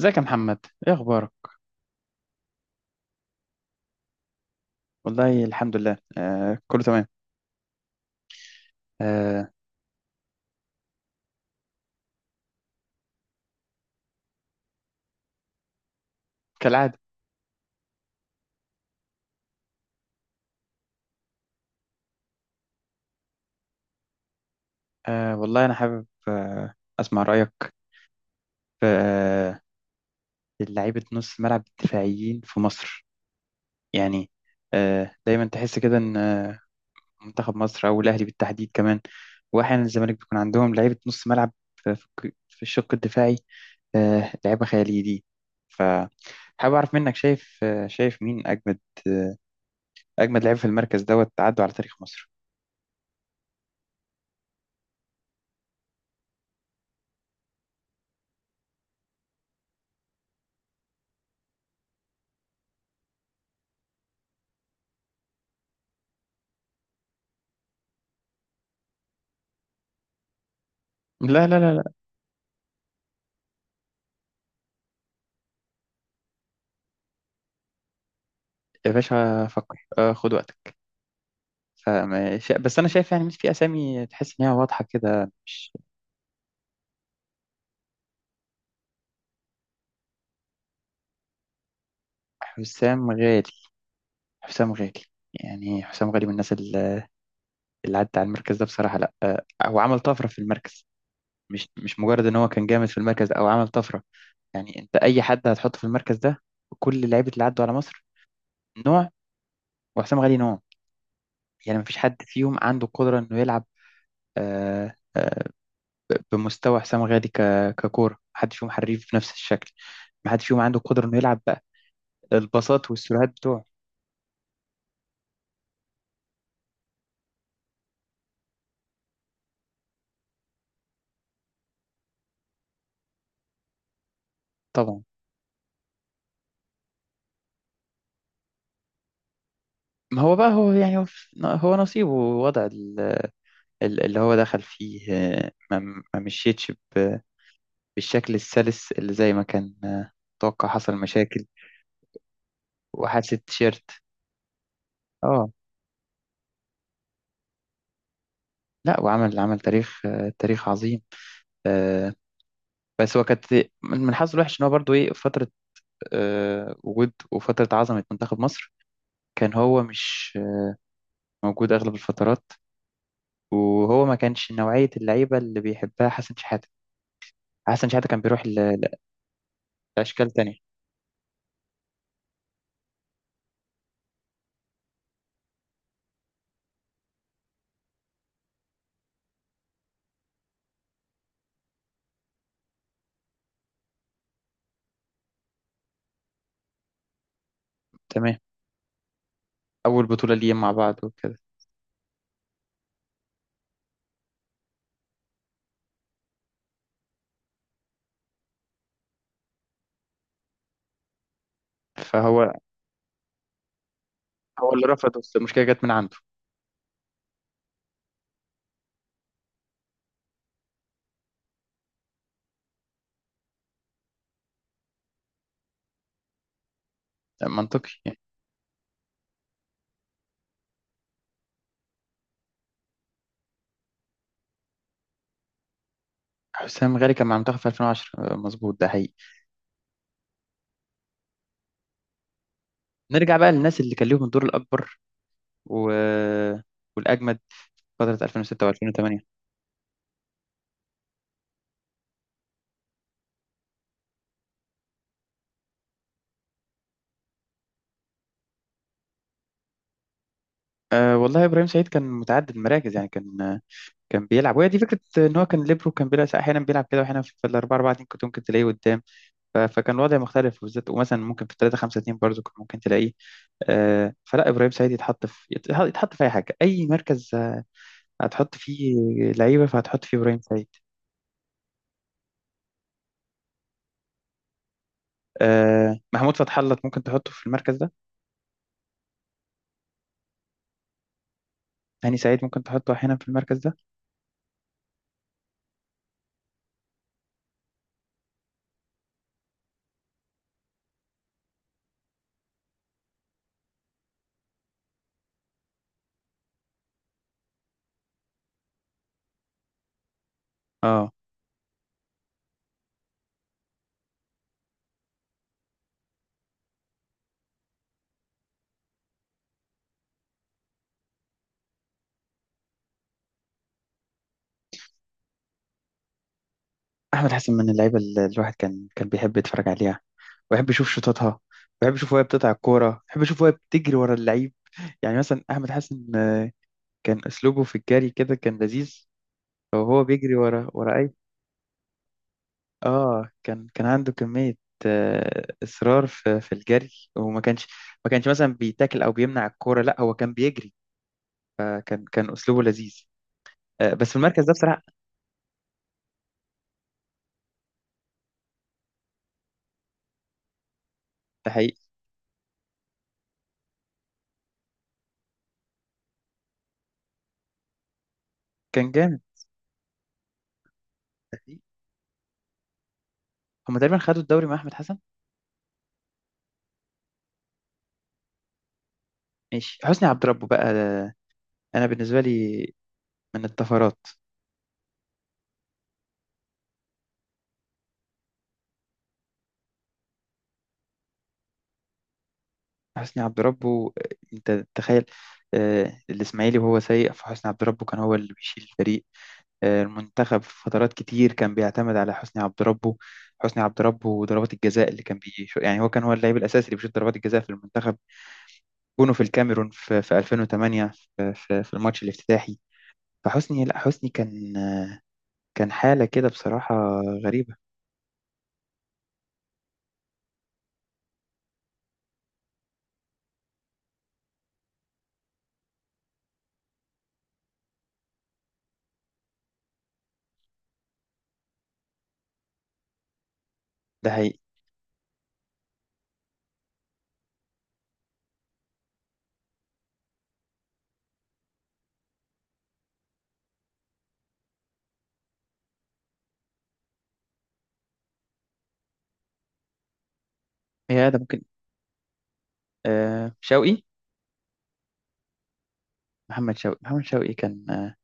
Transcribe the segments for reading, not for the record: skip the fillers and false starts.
ازيك يا محمد، ايه اخبارك؟ والله الحمد لله، كله تمام. آه كالعاده. والله انا حابب اسمع رايك في لعيبه نص الملعب الدفاعيين في مصر. يعني دايما تحس كده ان منتخب مصر او الاهلي بالتحديد كمان، واحيانا الزمالك، بيكون عندهم لعيبه نص ملعب في الشق الدفاعي. آه، لعيبه خياليه دي. فحابب اعرف منك، شايف شايف مين اجمد آه اجمد لعيب في المركز دوت عدوا على تاريخ مصر. لا لا لا. يا باشا فكر، خد وقتك. بس انا شايف يعني، مش في اسامي تحس ان هي واضحه كده، مش؟ حسام غالي. حسام غالي. يعني حسام غالي من الناس اللي عدت على المركز ده بصراحه، لا هو عمل طفره في المركز. مش مجرد ان هو كان جامد في المركز او عمل طفره. يعني انت اي حد هتحطه في المركز ده، كل اللعيبه اللي عدوا على مصر نوع، وحسام غالي نوع. يعني مفيش حد فيهم عنده قدره انه يلعب آه، آه، بمستوى حسام غالي. ككوره، محدش فيهم حريف بنفس الشكل، محدش فيهم عنده القدره انه يلعب بقى الباصات والسرعات بتوعه. طبعا. ما هو بقى، هو يعني هو نصيبه، ووضع اللي هو دخل فيه ما مشيتش ب- بالشكل السلس اللي زي ما كان متوقع، حصل مشاكل. وحادثة تيشيرت. اه. لا، عمل تاريخ تاريخ عظيم. آه، بس هو كانت من حظه الوحش ان هو برضه ايه، فترة وجود وفترة عظمة منتخب مصر، كان هو مش موجود اغلب الفترات. وهو ما كانش نوعية اللعيبة اللي بيحبها حسن شحاتة. حسن شحاتة كان بيروح لأشكال تانية. تمام. أول بطولة ليهم مع بعض وكده. فهو هو اللي رفض، بس المشكلة جت من عنده. منطقي يعني. حسام غالي كان مع المنتخب في 2010، مظبوط، ده حقيقي. نرجع بقى للناس اللي كان ليهم الدور الأكبر و... والأجمد فترة 2006 و2008. أه والله إبراهيم سعيد كان متعدد المراكز، يعني كان كان بيلعب، وهي دي فكرة إن هو كان ليبرو. كان بيلعب أحيانا، بيلعب كده، وأحيانا في الأربعة أربعة اتنين كنت ممكن تلاقيه قدام. فكان الوضع مختلف، وبالذات ومثلا ممكن في 3-5-2 برضه كنت ممكن تلاقيه. فلا، ابراهيم سعيد يتحط في يتحط في اي حاجه، اي مركز هتحط فيه لعيبه، فهتحط فيه ابراهيم سعيد. محمود فتح الله ممكن تحطه في المركز ده. هاني سعيد ممكن تحطه احيانا في المركز ده. اه، احمد حسن من اللعيبه اللي الواحد كان بيحب يتفرج عليها، ويحب يشوف شوطاتها، ويحب يشوف وهي بتقطع الكوره، ويحب يشوف وهي بتجري ورا اللعيب. يعني مثلا احمد حسن كان اسلوبه في الجري كده كان لذيذ. وهو بيجري ورا اي. اه، كان عنده كمية إصرار في الجري. وما كانش ما كانش مثلا بيتاكل أو بيمنع الكورة، لا هو كان بيجري. فكان أسلوبه لذيذ بس في المركز ده بصراحة. ده حقيقي. كان جامد. ده حقيقي. هما تقريبا خدوا الدوري مع أحمد حسن. ماشي. حسني عبد ربه بقى، أنا بالنسبة لي من الطفرات. حسني عبد ربه، أنت تخيل، الإسماعيلي وهو سيء، فحسني عبد ربه كان هو اللي بيشيل الفريق. المنتخب في فترات كتير كان بيعتمد على حسني عبد ربه. حسني عبد ربه وضربات الجزاء اللي كان بيش، يعني هو كان هو اللاعب الاساسي اللي بيشوط ضربات الجزاء في المنتخب. جونه في الكاميرون في 2008، في الماتش الافتتاحي. فحسني لا حسني كان، كان حالة كده بصراحة غريبة. ده حقيقي. هي ده ممكن. آه، شوقي. محمد شوقي. محمد شوقي كان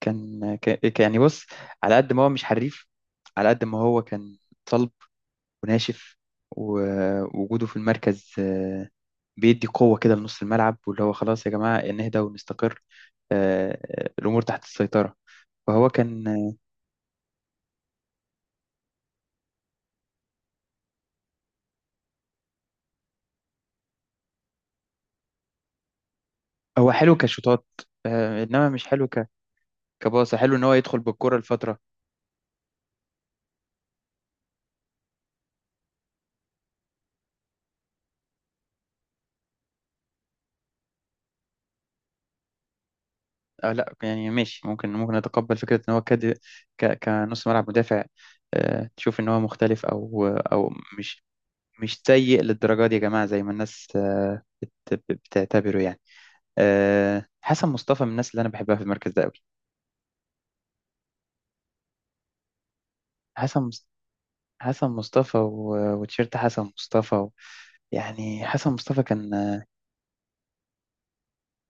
كان يعني بص، على قد ما هو مش حريف، على قد ما هو كان صلب وناشف. ووجوده في المركز بيدي قوة كده لنص الملعب، واللي هو خلاص يا جماعة نهدى ونستقر. الأمور تحت السيطرة. فهو كان هو حلو كشوطات إنما مش حلو كباصة. حلو إن هو يدخل بالكرة لفترة. آه لا، يعني ماشي، ممكن ممكن أتقبل فكرة إن هو كنص ملعب مدافع تشوف إن هو مختلف، أو مش مش سيء للدرجة دي يا جماعة زي ما الناس بتعتبره. يعني حسن مصطفى من الناس اللي أنا بحبها في المركز ده أوي. حسن، حسن مصطفى وتيشيرت حسن مصطفى يعني حسن مصطفى كان.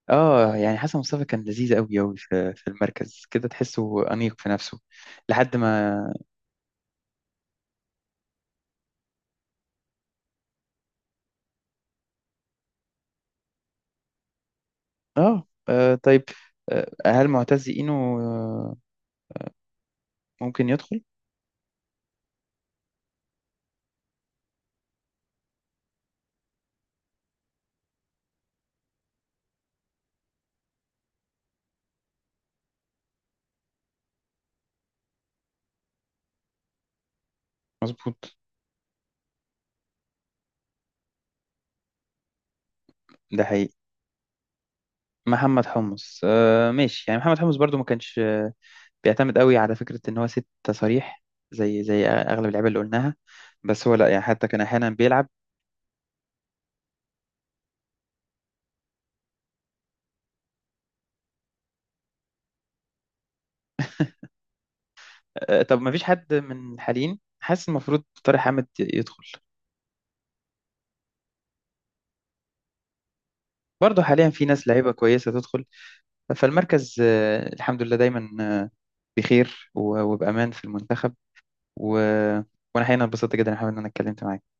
يعني حسن مصطفى كان لذيذ قوي قوي في المركز كده، تحسه أنيق في نفسه لحد ما. اه، طيب هل معتز إينو ممكن يدخل؟ مظبوط. ده حقيقي. محمد حمص. آه ماشي، يعني محمد حمص برضو ما كانش بيعتمد قوي على فكرة ان هو ست صريح، زي اغلب اللعيبه اللي قلناها. بس هو لا، يعني حتى كان احيانا بيلعب طب ما فيش حد من الحاليين؟ حاسس المفروض طارق حامد يدخل. برضه حاليا في ناس لعيبة كويسة تدخل. فالمركز الحمد لله دايما بخير وبأمان في المنتخب و... وأنا حقيقة انبسطت جدا يا حمد إن أنا اتكلمت معاك.